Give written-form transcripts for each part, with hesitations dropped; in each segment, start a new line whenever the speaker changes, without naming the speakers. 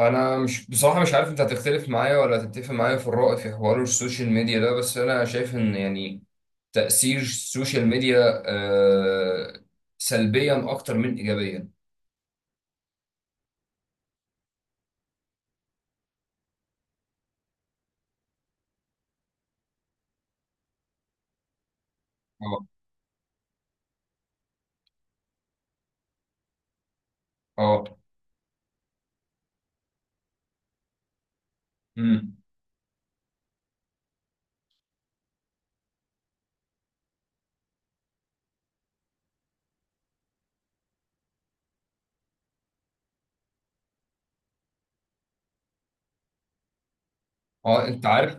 انا مش بصراحه مش عارف انت هتختلف معايا ولا هتتفق معايا في الرأي في حوار السوشيال ميديا ده، بس انا شايف ان يعني تأثير السوشيال ميديا سلبيا اكتر من ايجابيا. اه. اه. امم. اه. انت عارف،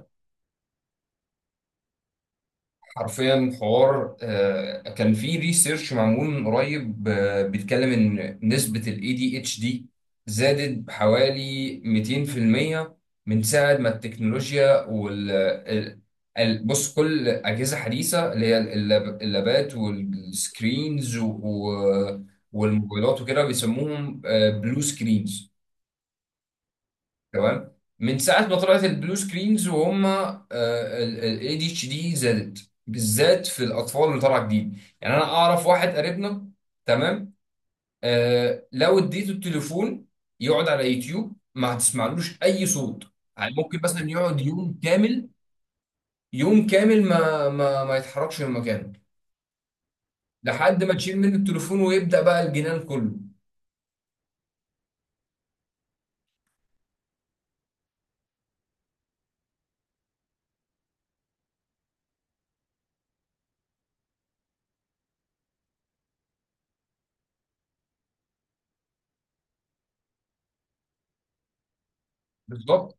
حرفيا حوار، كان في ريسيرش معمول من قريب، بيتكلم ان نسبة ال ADHD زادت بحوالي 200% من ساعة ما التكنولوجيا بص، كل أجهزة حديثة اللي هي اللابات والسكرينز والموبايلات وكده بيسموهم بلو سكرينز. تمام، من ساعه ما طلعت البلو سكرينز وهم الاي دي اتش دي زادت بالذات في الاطفال اللي طالعه جديد. يعني انا اعرف واحد قريبنا، تمام. لو اديته التليفون يقعد على يوتيوب، ما هتسمعلوش اي صوت. يعني ممكن مثلا يقعد يوم كامل، يوم كامل ما يتحركش من مكانه لحد ما تشيل منه التليفون ويبدا بقى الجنان كله. بالظبط.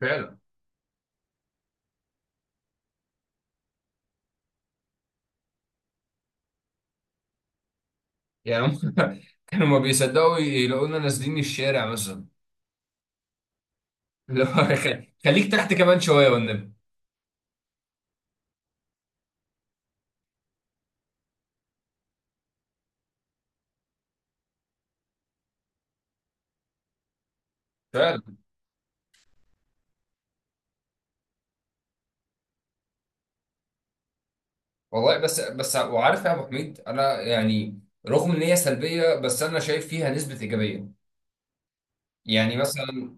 فعلا. يعني كانوا ما بيصدقوا يلاقونا نازلين الشارع مثلا، اللي هو خليك تحت كمان شويه والنبي. فعلا والله. بس وعارف يا ابو حميد، انا يعني رغم ان هي سلبيه، بس انا شايف فيها نسبه ايجابيه. يعني مثلا،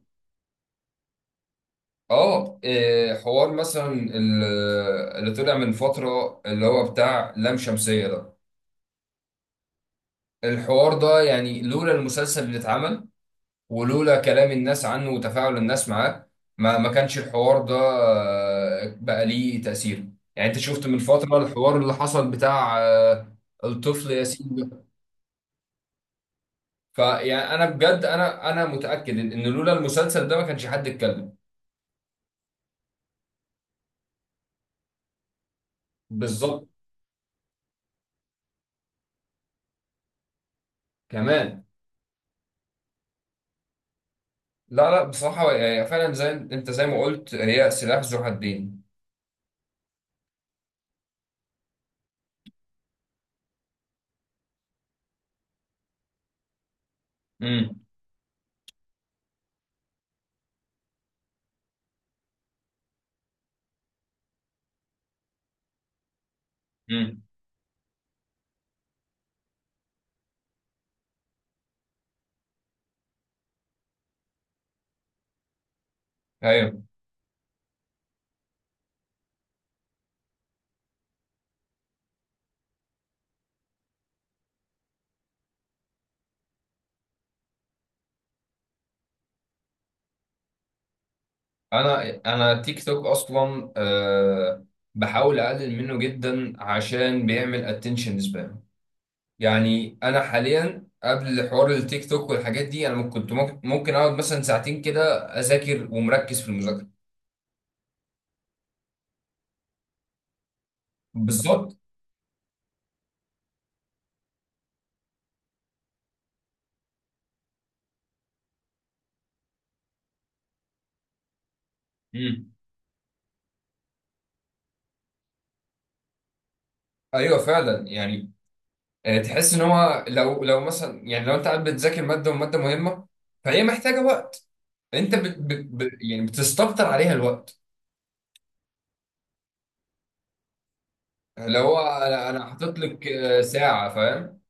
اه إيه، حوار مثلا اللي طلع من فتره اللي هو بتاع لام شمسيه ده. الحوار ده يعني لولا المسلسل اللي اتعمل، ولولا كلام الناس عنه وتفاعل الناس معاه، ما كانش الحوار ده بقى ليه تأثير. يعني انت شفت من فترة الحوار اللي حصل بتاع الطفل ياسين ده. فيعني انا بجد، انا متأكد إن لولا المسلسل ده ما كانش حد اتكلم. بالظبط. كمان. لا لا، بصراحة يعني فعلا زي انت زي ما قلت هي سلاح ذو حدين. امم. امم. ايوه، انا تيك توك اصلا أه، بحاول اقلل منه جدا عشان بيعمل اتنشن سبان. يعني انا حاليا قبل حوار التيك توك والحاجات دي، انا كنت ممكن، اقعد مثلا ساعتين كده اذاكر ومركز في المذاكره. بالظبط. امم. ايوه فعلا يعني، تحس ان هو لو مثلا، يعني لو انت قاعد بتذاكر ماده وماده مهمه، فهي محتاجه وقت، انت يعني بتستكتر عليها الوقت. اللي هو انا حاطط لك ساعه، فاهم.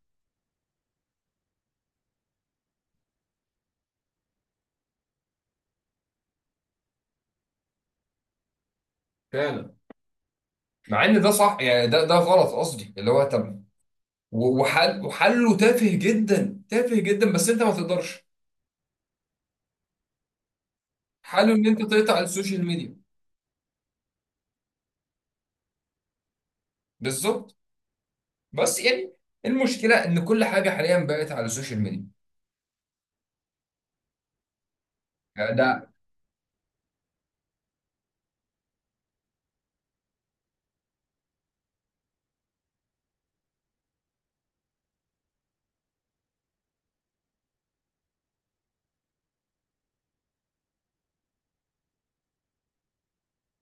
فعلا. مع ان ده صح، يعني ده غلط قصدي، اللي هو طب وحله تافه جدا، تافه جدا، بس انت ما تقدرش، حله ان انت تقطع السوشيال ميديا. بالظبط. بس يعني المشكله ان كل حاجه حاليا بقت على السوشيال ميديا. يعني ده.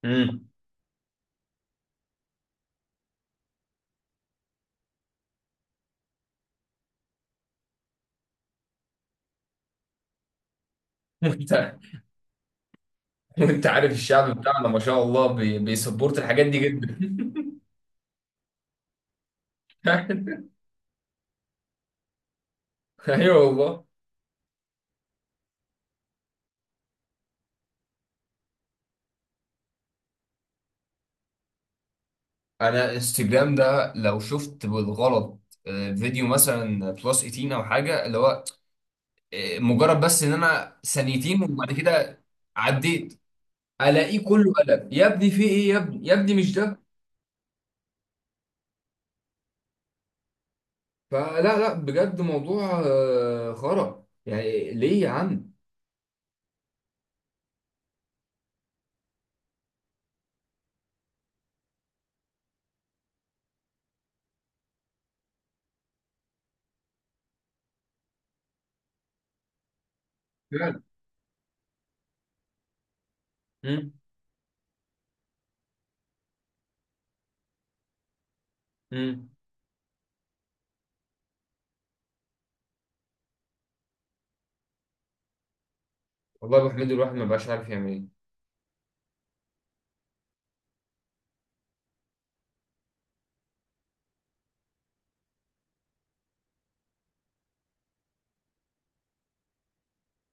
امم. وانت، وانت عارف الشعب بتاعنا ما شاء الله، بيسبورت الحاجات دي جدا. ايوه والله. انا انستجرام ده لو شفت بالغلط فيديو مثلا بلس 18 او حاجه، اللي هو مجرد بس ان انا ثانيتين وبعد كده عديت، الاقيه كله قلق، يا ابني في ايه، يا ابني يا ابني مش ده. فلا لا، بجد موضوع خرا، يعني ليه يا عم. فعلا. امم. امم. والله يا ابو حميد، الواحد ما بقاش عارف يعمل ايه.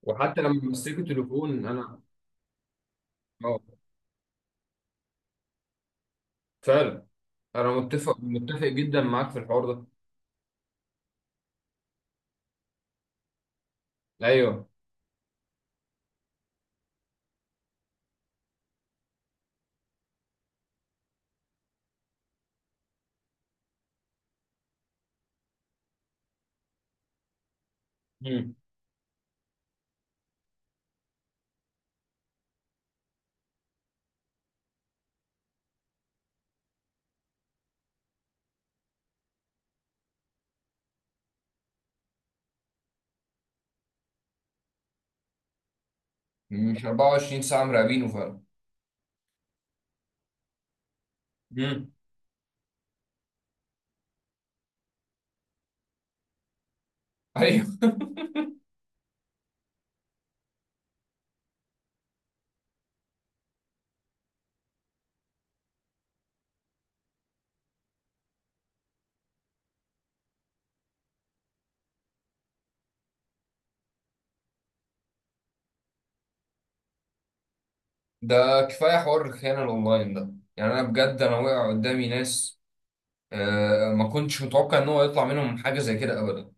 وحتى لما مسكت التليفون انا. اه. فعلا انا متفق، متفق جدا معاك في الحوار ده. ايوه. امم. مش 24 ساعه مراقبينه فعلا. امم. ايوه. ده كفاية حوار الخيانة الأونلاين ده، يعني أنا بجد أنا وقع قدامي ناس، ما كنتش متوقع إن هو يطلع منهم حاجة زي كده أبدا.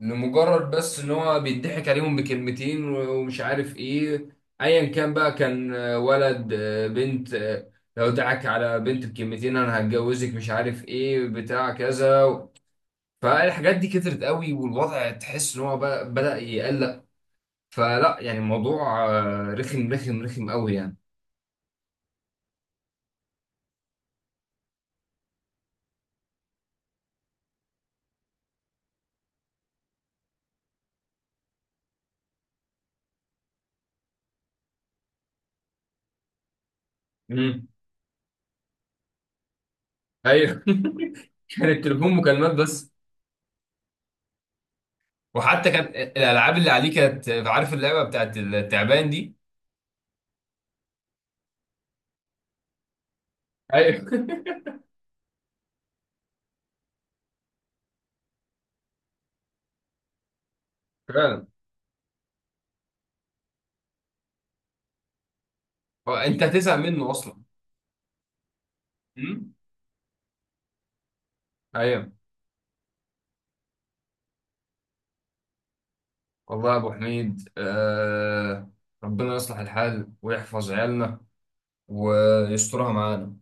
لمجرد بس إن هو بيضحك عليهم بكلمتين ومش عارف إيه، أيا كان بقى، كان ولد، بنت، لو دعك على بنت بكلمتين أنا هتجوزك مش عارف إيه بتاع كذا. فالحاجات دي كترت قوي، والوضع تحس إن هو بقى بدأ يقلق. فلا يعني الموضوع رخم رخم رخم قوي. يعني. ايوه. كان التليفون مكالمات بس. وحتى كانت الالعاب اللي عليه، كانت عارف اللعبه بتاعت التعبان دي. ايوه. فعلا. هو انت هتزهق منه اصلا. مم. ايوه. والله يا ابو حميد، ربنا يصلح الحال ويحفظ عيالنا ويسترها معانا.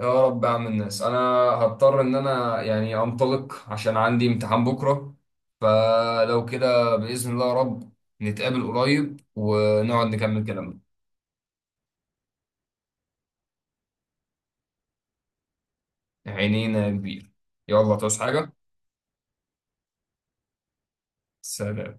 يا رب يا عم الناس، انا هضطر ان انا يعني انطلق عشان عندي امتحان بكره، فلو كده باذن الله يا رب نتقابل قريب ونقعد نكمل كلامنا. عينينا يا كبير. يلا تعوز حاجة. سلام.